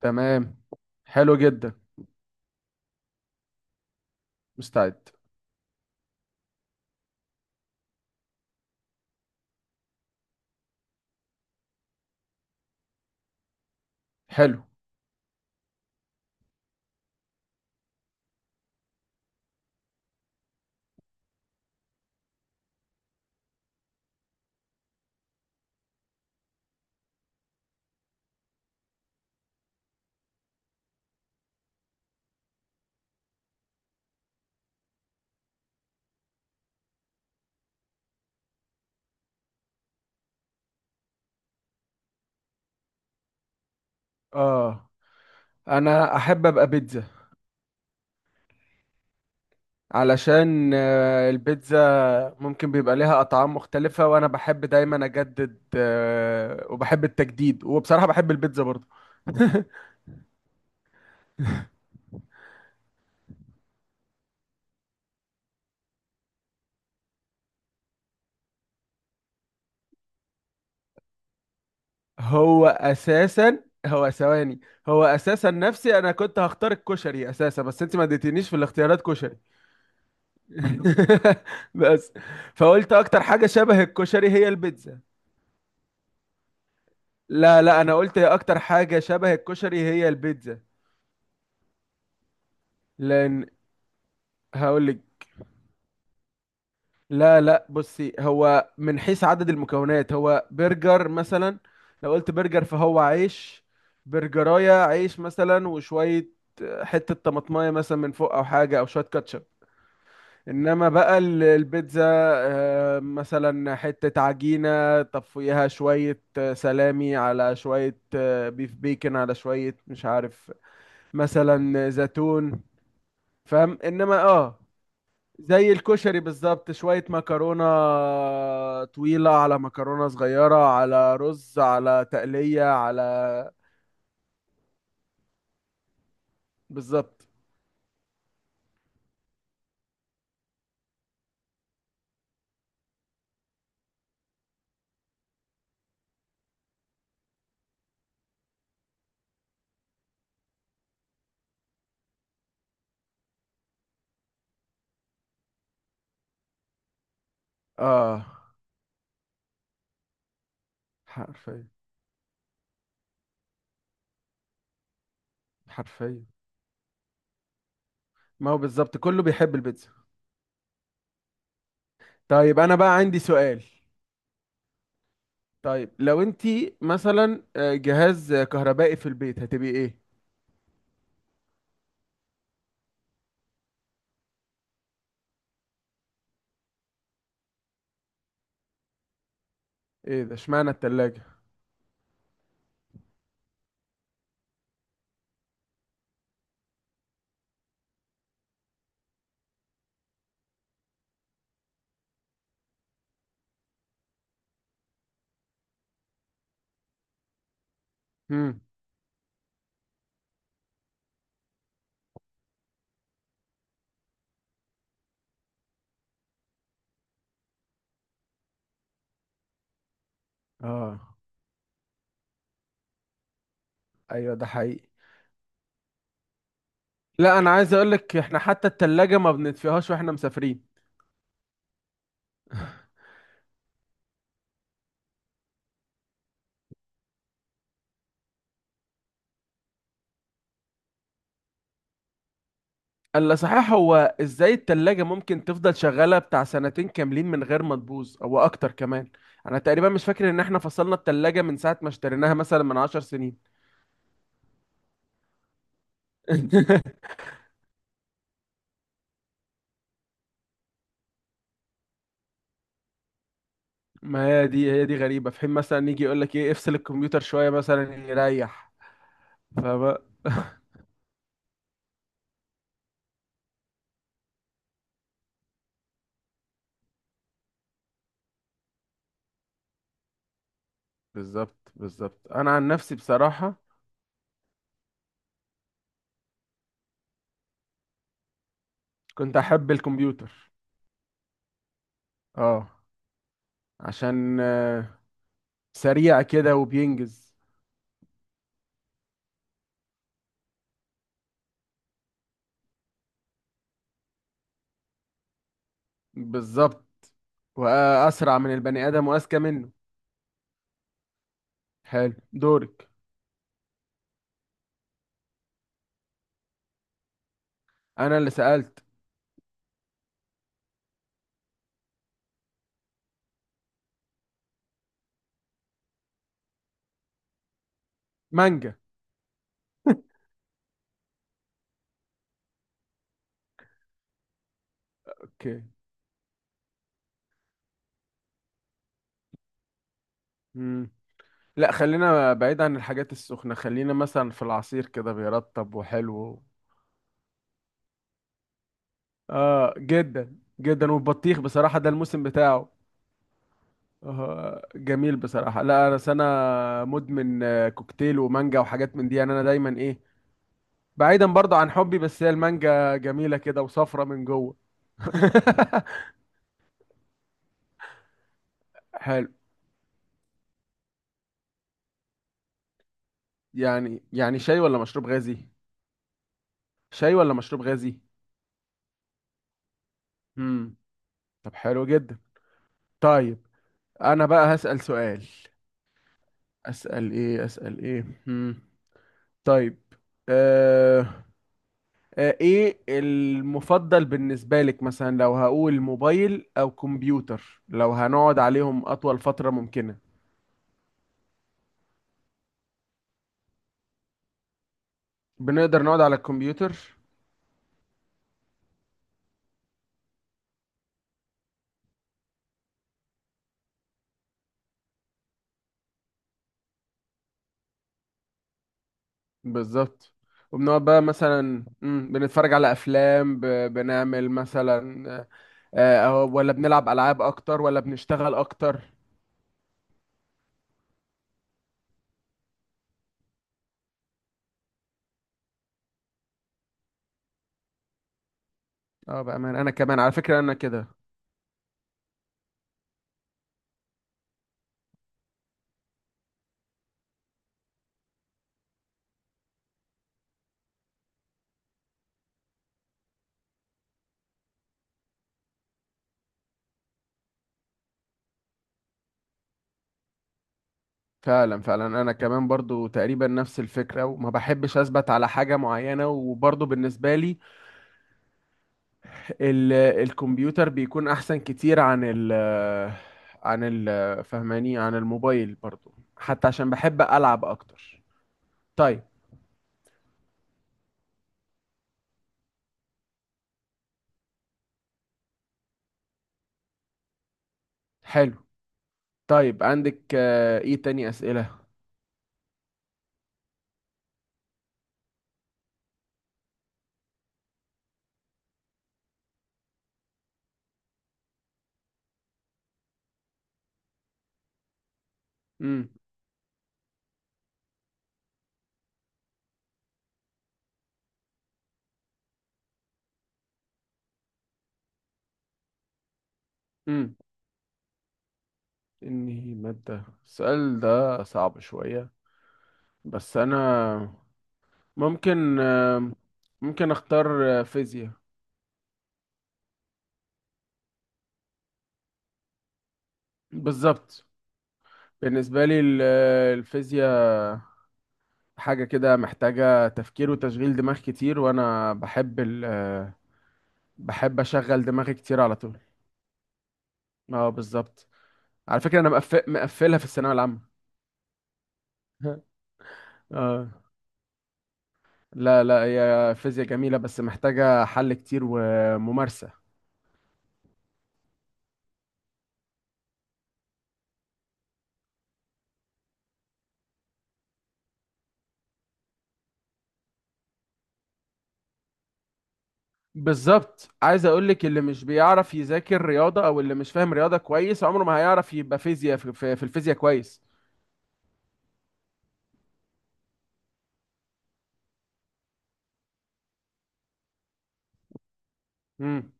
تمام. حلو جدا. مستعد. حلو. اه، انا احب ابقى بيتزا. علشان البيتزا ممكن بيبقى ليها اطعام مختلفة، وانا بحب دايما اجدد، وبحب التجديد، وبصراحة بحب البيتزا برضو. هو اساسا هو ثواني هو اساسا نفسي، انا كنت هختار الكشري اساسا، بس انت ما اديتنيش في الاختيارات كشري. بس فقلت اكتر حاجة شبه الكشري هي البيتزا. لا لا، انا قلت اكتر حاجه شبه الكشري هي البيتزا. لان هقول لك. لا لا، بصي، هو من حيث عدد المكونات هو برجر مثلا. لو قلت برجر فهو عيش. برجرايه عيش مثلا وشويه، حته طماطمايه مثلا من فوق، او حاجه، او شويه كاتشب. انما بقى البيتزا مثلا حته عجينه، طب فوقيها شويه سلامي، على شويه بيف بيكن، على شويه مش عارف، مثلا زيتون. فاهم؟ انما زي الكشري بالظبط، شوية مكرونة طويلة على مكرونة صغيرة على رز على تقلية، على بالظبط. اه، حرفيا. حرفيا، ما هو بالظبط كله بيحب البيتزا. طيب انا بقى عندي سؤال. طيب لو انت مثلا جهاز كهربائي في البيت، هتبقي ايه؟ ايه ده؟ اشمعنى التلاجة؟ امم. اه، ايوه ده حقيقي. لا، انا عايز اقولك احنا حتى التلاجة ما بنطفيهاش واحنا مسافرين. الا صحيح، هو ازاي التلاجة ممكن تفضل شغالة بتاع سنتين كاملين من غير ما تبوظ، او اكتر كمان؟ انا تقريبا مش فاكر ان احنا فصلنا التلاجة من ساعة ما اشتريناها، مثلا من 10 سنين. ما هي دي، غريبة. في حين مثلا يجي يقول لك ايه، افصل الكمبيوتر شوية مثلا يريح. فبقى بالظبط، بالظبط. انا عن نفسي بصراحة كنت احب الكمبيوتر. اه. عشان سريع كده وبينجز. بالظبط، واسرع من البني ادم واذكى منه. حلو، دورك. انا اللي سألت. مانجا. اوكي. مم. لا، خلينا بعيد عن الحاجات السخنة، خلينا مثلا في العصير، كده بيرطب وحلو. اه، جدا جدا. والبطيخ بصراحة ده الموسم بتاعه. آه جميل بصراحة. لا انا سنة مدمن كوكتيل ومانجا وحاجات من دي، يعني انا دايما ايه. بعيدا برضه عن حبي، بس هي المانجا جميلة كده وصفرة من جوه. حلو. يعني شاي ولا مشروب غازي؟ شاي ولا مشروب غازي؟ امم طب حلو جدا. طيب انا بقى هسأل سؤال. اسأل ايه، اسأل ايه؟ طيب. آه... ايه المفضل بالنسبة لك، مثلا لو هقول موبايل او كمبيوتر، لو هنقعد عليهم اطول فترة ممكنة؟ بنقدر نقعد على الكمبيوتر. بالظبط. وبنقعد بقى مثلا، بنتفرج على افلام، بنعمل مثلا ولا بنلعب العاب اكتر، ولا بنشتغل اكتر؟ اه بأمان، انا كمان على فكرة انا كده. فعلا فعلا، انا كمان برضو تقريبا نفس الفكره، وما بحبش اثبت على حاجه معينه، وبرضو بالنسبه لي الكمبيوتر بيكون احسن كتير عن ال عن ال فهماني، عن الموبايل برضو، حتى عشان بحب العب اكتر. طيب، حلو. طيب عندك ايه تاني اسئله؟ امم امم انهي ماده؟ السؤال ده صعب شويه، بس انا ممكن آه، ممكن اختار فيزياء. بالظبط. بالنسبة لي الفيزياء حاجة كده محتاجة تفكير وتشغيل دماغ كتير، وأنا بحب أشغل دماغي كتير على طول. اه بالظبط. على فكرة أنا مقفلها في الثانوية العامة. اه. لا لا، هي فيزياء جميلة بس محتاجة حل كتير وممارسة. بالظبط، عايز أقولك اللي مش بيعرف يذاكر رياضة أو اللي مش فاهم رياضة كويس عمره ما هيعرف يبقى فيزياء في الفيزياء كويس. مم.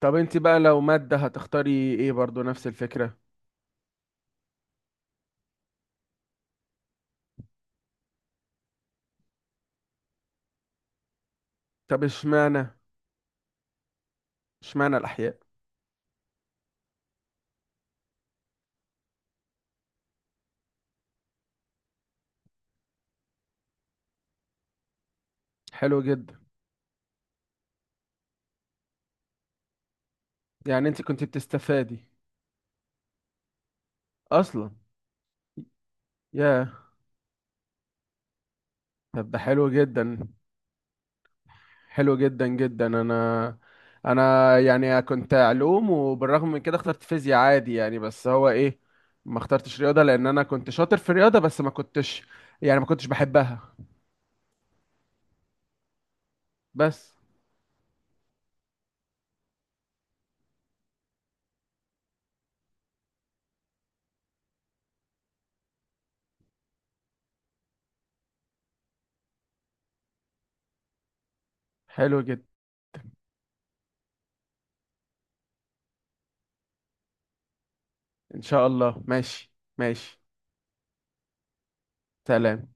طب انت بقى لو مادة هتختاري ايه؟ برضو نفس الفكرة. طب اشمعنى، الأحياء؟ حلو جدا. يعني انت كنت بتستفادي؟ أصلا. ياه. طب ده حلو جدا. حلو جدا جدا. انا يعني كنت علوم، وبالرغم من كده اخترت فيزياء عادي يعني. بس هو ايه، ما اخترتش رياضة لان انا كنت شاطر في الرياضة، بس ما كنتش، يعني ما كنتش بحبها. بس. حلو جدا. ان شاء الله، ماشي ماشي. سلام.